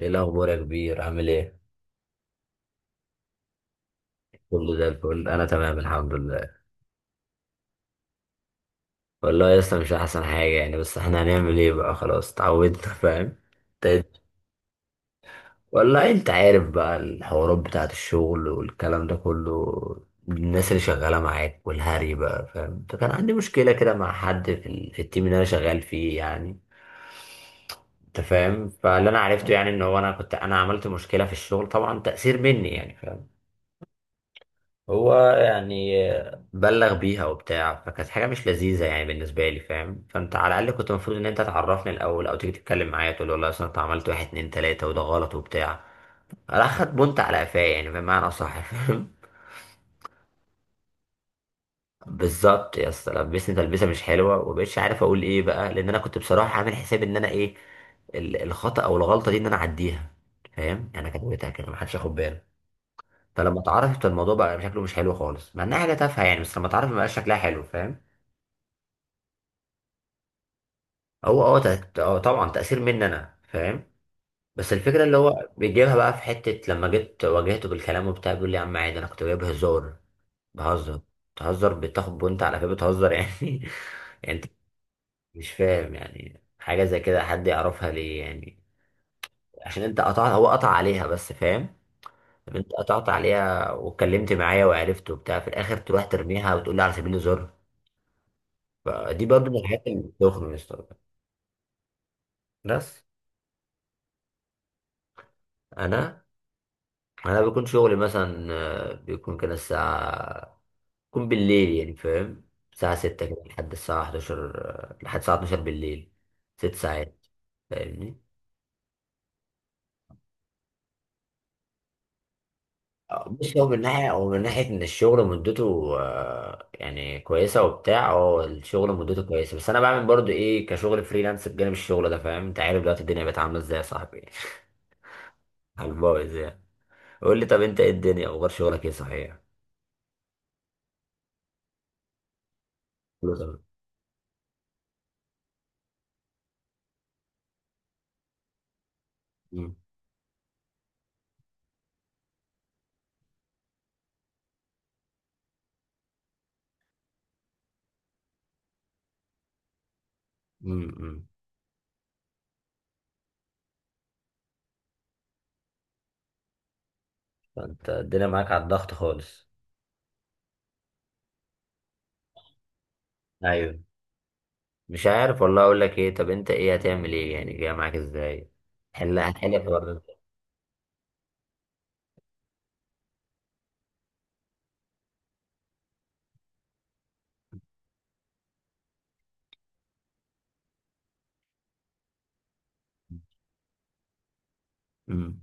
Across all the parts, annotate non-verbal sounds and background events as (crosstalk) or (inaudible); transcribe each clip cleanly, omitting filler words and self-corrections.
ايه الاخبار يا كبير، عامل ايه؟ كله زي الفل، انا تمام الحمد لله. والله يا اسطى مش احسن حاجه يعني، بس احنا هنعمل ايه بقى، خلاص اتعودنا. (laughs) فاهم. ت- والله انت عارف بقى الحوارات بتاعت الشغل والكلام ده كله. الناس اللي شغاله معاك والهري بقى، فاهم. فكان عندي مشكله كده مع حد في في التيم اللي انا شغال فيه يعني. انت فاهم. فاللي انا عرفته يعني ان هو انا عملت مشكله في الشغل، طبعا تاثير مني يعني، فاهم. هو يعني بلغ بيها وبتاع، فكانت حاجة مش لذيذة يعني بالنسبة لي، فاهم. فانت على الأقل كنت المفروض إن أنت تعرفني الأول أو تيجي تتكلم معايا تقول لي والله، أصل أنت عملت واحد اتنين تلاتة وده غلط وبتاع. راح خد بنت على قفاه، يعني بمعنى صح. (laughs) فاهم. بالظبط يا اسطى، لبسني تلبسة مش حلوة ومبقتش عارف أقول إيه بقى، لأن أنا كنت بصراحة عامل حساب إن أنا إيه، الخطأ أو الغلطة دي إن أنا أعديها. فاهم، يعني أنا كتبتها كده محدش ياخد باله. فلما اتعرفت الموضوع بقى شكله مش حلو خالص، مع إنها حاجة تافهة يعني، بس لما اتعرفت مبقاش شكلها حلو، فاهم. هو طبعا تأثير مني انا، فاهم. بس الفكرة اللي هو بيجيبها بقى في حتة، لما جيت واجهته بالكلام وبتاع بيقول لي يا عم عادي، انا كنت جايب هزار، بهزر. بتهزر، بتاخد بنت على كده بتهزر يعني؟ (laughs) يعني انت مش فاهم، يعني حاجة زي كده حد يعرفها ليه يعني؟ عشان انت قطعت، هو قطع عليها بس، فاهم. طب انت قطعت عليها واتكلمت معايا وعرفت وبتاع، في الاخر تروح ترميها وتقول لي على سبيل الهزار؟ فدي برضه من الحاجات اللي بتخنق يا اسطى. بس انا انا بيكون شغلي مثلا، بيكون كده الساعه، بيكون بالليل يعني، فاهم. الساعه 6 كده لحد الساعه 11، لحد الساعه 12 بالليل. 6 ساعات، فاهمني. بص، هو من ناحيه، او من ناحيه ان الشغل مدته يعني كويسه وبتاع، الشغل مدته كويسه. بس انا بعمل برضو ايه، كشغل فريلانس بجانب الشغل ده، فاهم. انت عارف دلوقتي الدنيا بقت عامله ازاي يا صاحبي. (laughs) على البايظ يعني. قول لي طب انت ايه، الدنيا اخبار شغلك ايه صحيح؟ قول له طب. مم. مم. مم. فانت الدنيا معاك على الضغط خالص. ايوه. مش عارف والله اقول لك ايه. طب انت ايه هتعمل ايه يعني، جاي معاك ازاي؟ هل هتحل الحوار ده؟ امم.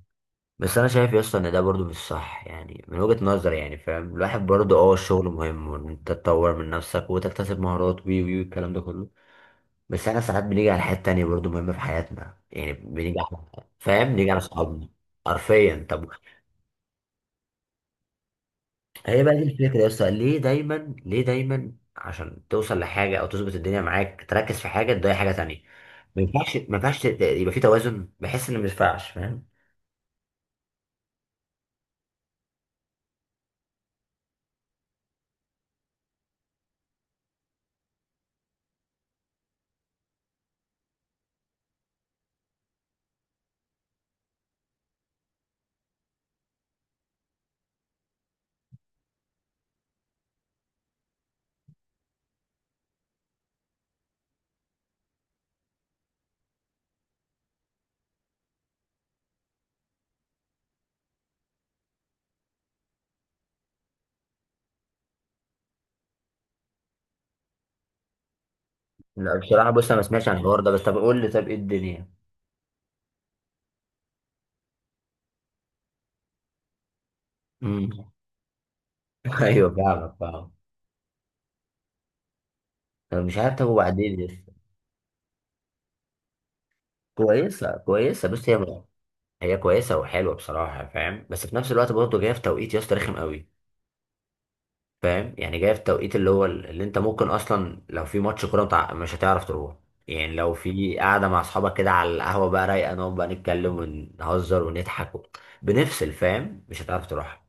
بس انا شايف يا اسطى ان ده برضو مش صح، يعني من وجهة نظري يعني، فاهم. الواحد برضو، اه، الشغل مهم وان انت تطور من نفسك وتكتسب مهارات وي وي الكلام ده كله. بس احنا ساعات بنيجي على حاجات تانية برضو مهمة في حياتنا، يعني بنيجي على، فاهم، بنيجي على صحابنا. حرفيا. طب هي بقى دي الفكرة يا اسطى، ليه دايما عشان توصل لحاجة أو تظبط الدنيا معاك، تركز في حاجة تضيع حاجة تانية. ما ينفعش يبقى في توازن، بحس إن ما ينفعش، فاهم. لا بصراحة، بص أنا ما سمعتش عن الحوار ده، بس طب قول لي طب إيه الدنيا. امم. (laughs) أيوه فاهمك، فاهم. طب مش عارف، طب وبعدين يا اسطى؟ كويسة كويسة، بص هي، هي كويسة وحلوة بصراحة، فاهم. بس في نفس الوقت برضه جاية في توقيت يا اسطى رخم قوي. فاهم، يعني جاي في التوقيت اللي هو، اللي انت ممكن اصلا لو في ماتش كوره مش هتعرف تروح. يعني لو في قاعده مع اصحابك كده على القهوه بقى رايقه، نقعد بقى نتكلم ونهزر ونضحك و بنفصل، فاهم، مش هتعرف تروح.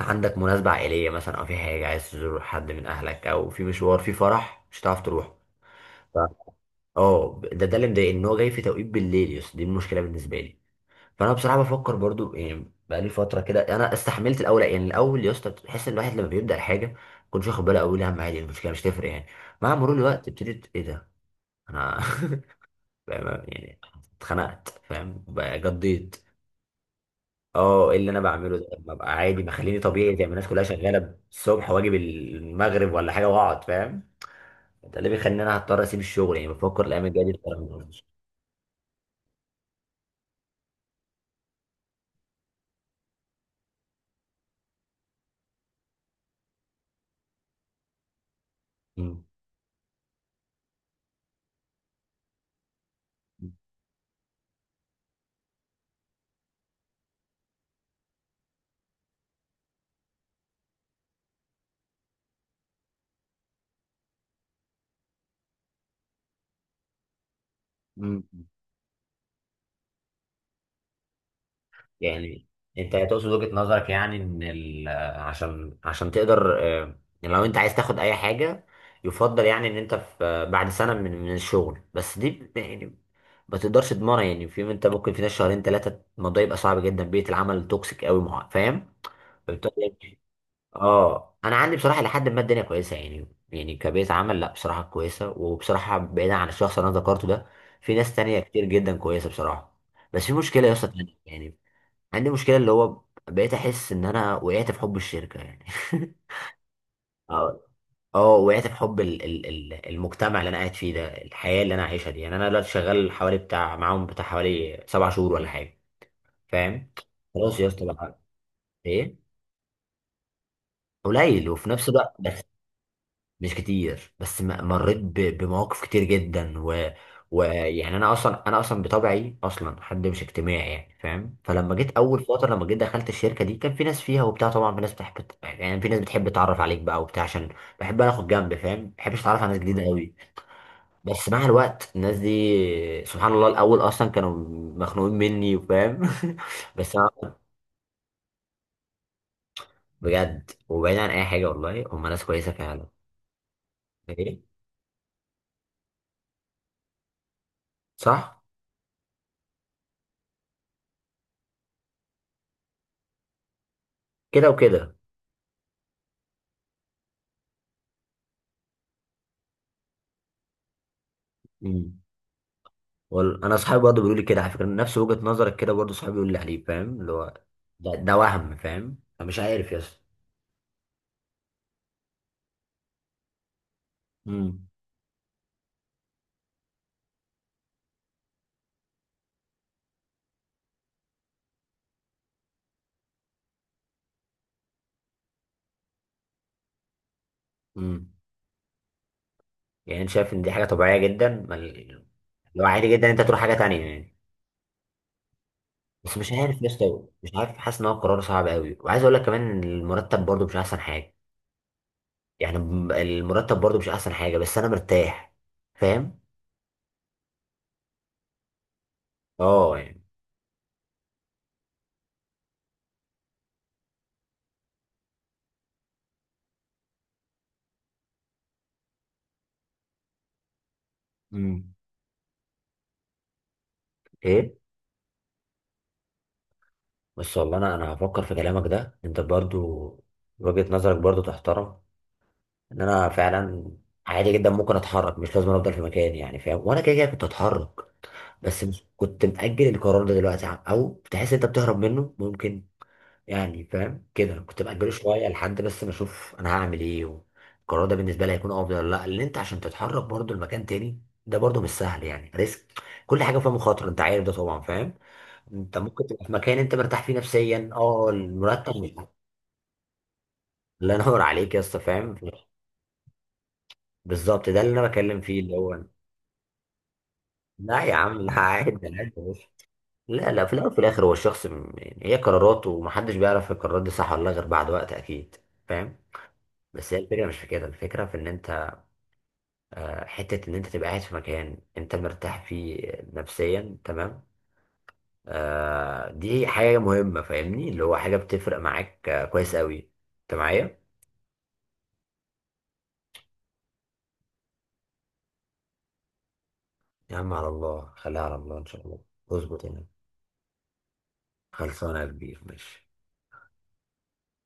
عندك مناسبه عائليه مثلا، او في حاجه عايز تزور حد من اهلك، او في مشوار، في فرح، مش هتعرف تروح. ف- اه ده اللي مضايقني، ان هو جاي في توقيت بالليل، يس دي المشكله بالنسبه لي. فانا بصراحه بفكر برضو يعني، بقالي فتره كده انا استحملت الاول، يعني الاول يا اسطى بتحس ان الواحد لما بيبدا الحاجه كنتش واخد باله، اول اهم عادي، المشكله مش تفرق يعني. مع مرور الوقت ابتديت ايه ده، انا (laughs) يعني اتخنقت، فاهم، بقى جضيت. اه ايه اللي انا بعمله ده، ما بقى عادي، ما خليني طبيعي زي ما الناس كلها شغاله الصبح واجي المغرب ولا حاجه واقعد، فاهم. ده اللي بيخليني انا هضطر اسيب الشغل يعني، بفكر الايام الجايه دي أضطر أعمل كده. مم. يعني انت تقصد وجهة نظرك يعني ان عشان تقدر، لو انت عايز تاخد اي حاجة، يفضل يعني ان انت في، بعد سنة من الشغل، بس دي يعني ما تقدرش تضمنها، يعني في انت ممكن في ناس شهرين ثلاثة الموضوع يبقى صعب جدا، بيئة العمل توكسيك قوي فاهم؟ فبالتالي- يعني، اه انا عندي بصراحة لحد ما الدنيا كويسة يعني، يعني كبيئة عمل لا بصراحة كويسة، وبصراحة بعيدا عن الشخص اللي انا ذكرته ده، في ناس تانية كتير جدا كويسة بصراحة. بس في مشكلة يا اسطى تانية يعني، عندي مشكلة اللي هو، بقيت أحس إن أنا وقعت في حب الشركة يعني. (laughs) اه اه وقعت في حب ال ال ال المجتمع اللي أنا قاعد فيه ده، الحياة اللي أنا عايشها دي يعني، أنا دلوقتي شغال حوالي بتاع معاهم، بتاع حوالي 7 شهور ولا حاجة، فاهم. خلاص يا اسطى بقى. إيه. قليل وفي نفس الوقت بس، مش كتير بس مريت بمواقف كتير جدا و، ويعني انا اصلا بطبعي اصلا حد مش اجتماعي يعني، فاهم. فلما جيت اول فتره لما جيت دخلت الشركه دي كان في ناس فيها وبتاع، طبعا في ناس بتحب، يعني في ناس بتحب تتعرف عليك بقى وبتاع، عشان بحب انا اخد جنب، فاهم، ما بحبش اتعرف على ناس جديده قوي. بس مع الوقت الناس دي سبحان الله، الاول اصلا كانوا مخنوقين مني وفاهم (laughs) بس انا بجد وبعيد عن اي حاجه، والله هم ناس كويسه فعلا. ايه، صح. كده وكده. انا اصحابي برضه بيقولوا لي كده على فكره نفس وجهه نظرك، كده برضه صحابي بيقولوا لي عليه، فاهم، اللي هو ده وهم، فاهم، فمش عارف يا اسطى. امم. امم. يعني انت شايف ان دي حاجه طبيعيه جدا، ما اللي هو عادي جدا انت تروح حاجه تانية يعني. بس مش عارف يا اسطى، مش عارف، حاسس ان هو قرار صعب قوي. وعايز اقول لك كمان ان المرتب برضه مش احسن حاجه، يعني المرتب برضه مش احسن حاجه، بس انا مرتاح، فاهم. اه، يعني. امم. ايه. بس والله انا هفكر في كلامك ده، انت برضه وجهه نظرك برضه تحترم، ان انا فعلا عادي جدا ممكن اتحرك مش لازم افضل في مكاني يعني، فاهم، وانا كده كده كنت اتحرك. بس مش كنت مأجل القرار ده دلوقتي او تحس انت بتهرب منه ممكن يعني، فاهم، كده كنت مأجله شويه لحد بس ما اشوف انا هعمل ايه، والقرار ده بالنسبه لي هيكون افضل ولا لا، لان انت عشان تتحرك برضو لمكان تاني ده برضو مش سهل، يعني ريسك، كل حاجه فيها مخاطره، انت عارف ده طبعا، فاهم. انت ممكن تبقى في مكان انت مرتاح فيه نفسيا، اه، المرتب الله ينور عليك يا اسطى، فاهم. بالظبط ده اللي انا بكلم فيه اللي هو، لا يا عم، لا عادي عادي يا باشا. لا لا، في الاول وفي الاخر هو الشخص يعني هي قراراته، ومحدش بيعرف القرارات دي صح ولا لا غير بعد وقت اكيد، فاهم. بس هي الفكره مش في كده، الفكره في ان انت، حته ان انت تبقى قاعد في مكان انت مرتاح فيه نفسيا، تمام، دي حاجه مهمه فاهمني، اللي هو حاجه بتفرق معاك، كويس قوي. انت معايا؟ يا عم على الله، خليها على الله ان شاء الله. اظبط هنا. خلصانه يا كبير، ماشي.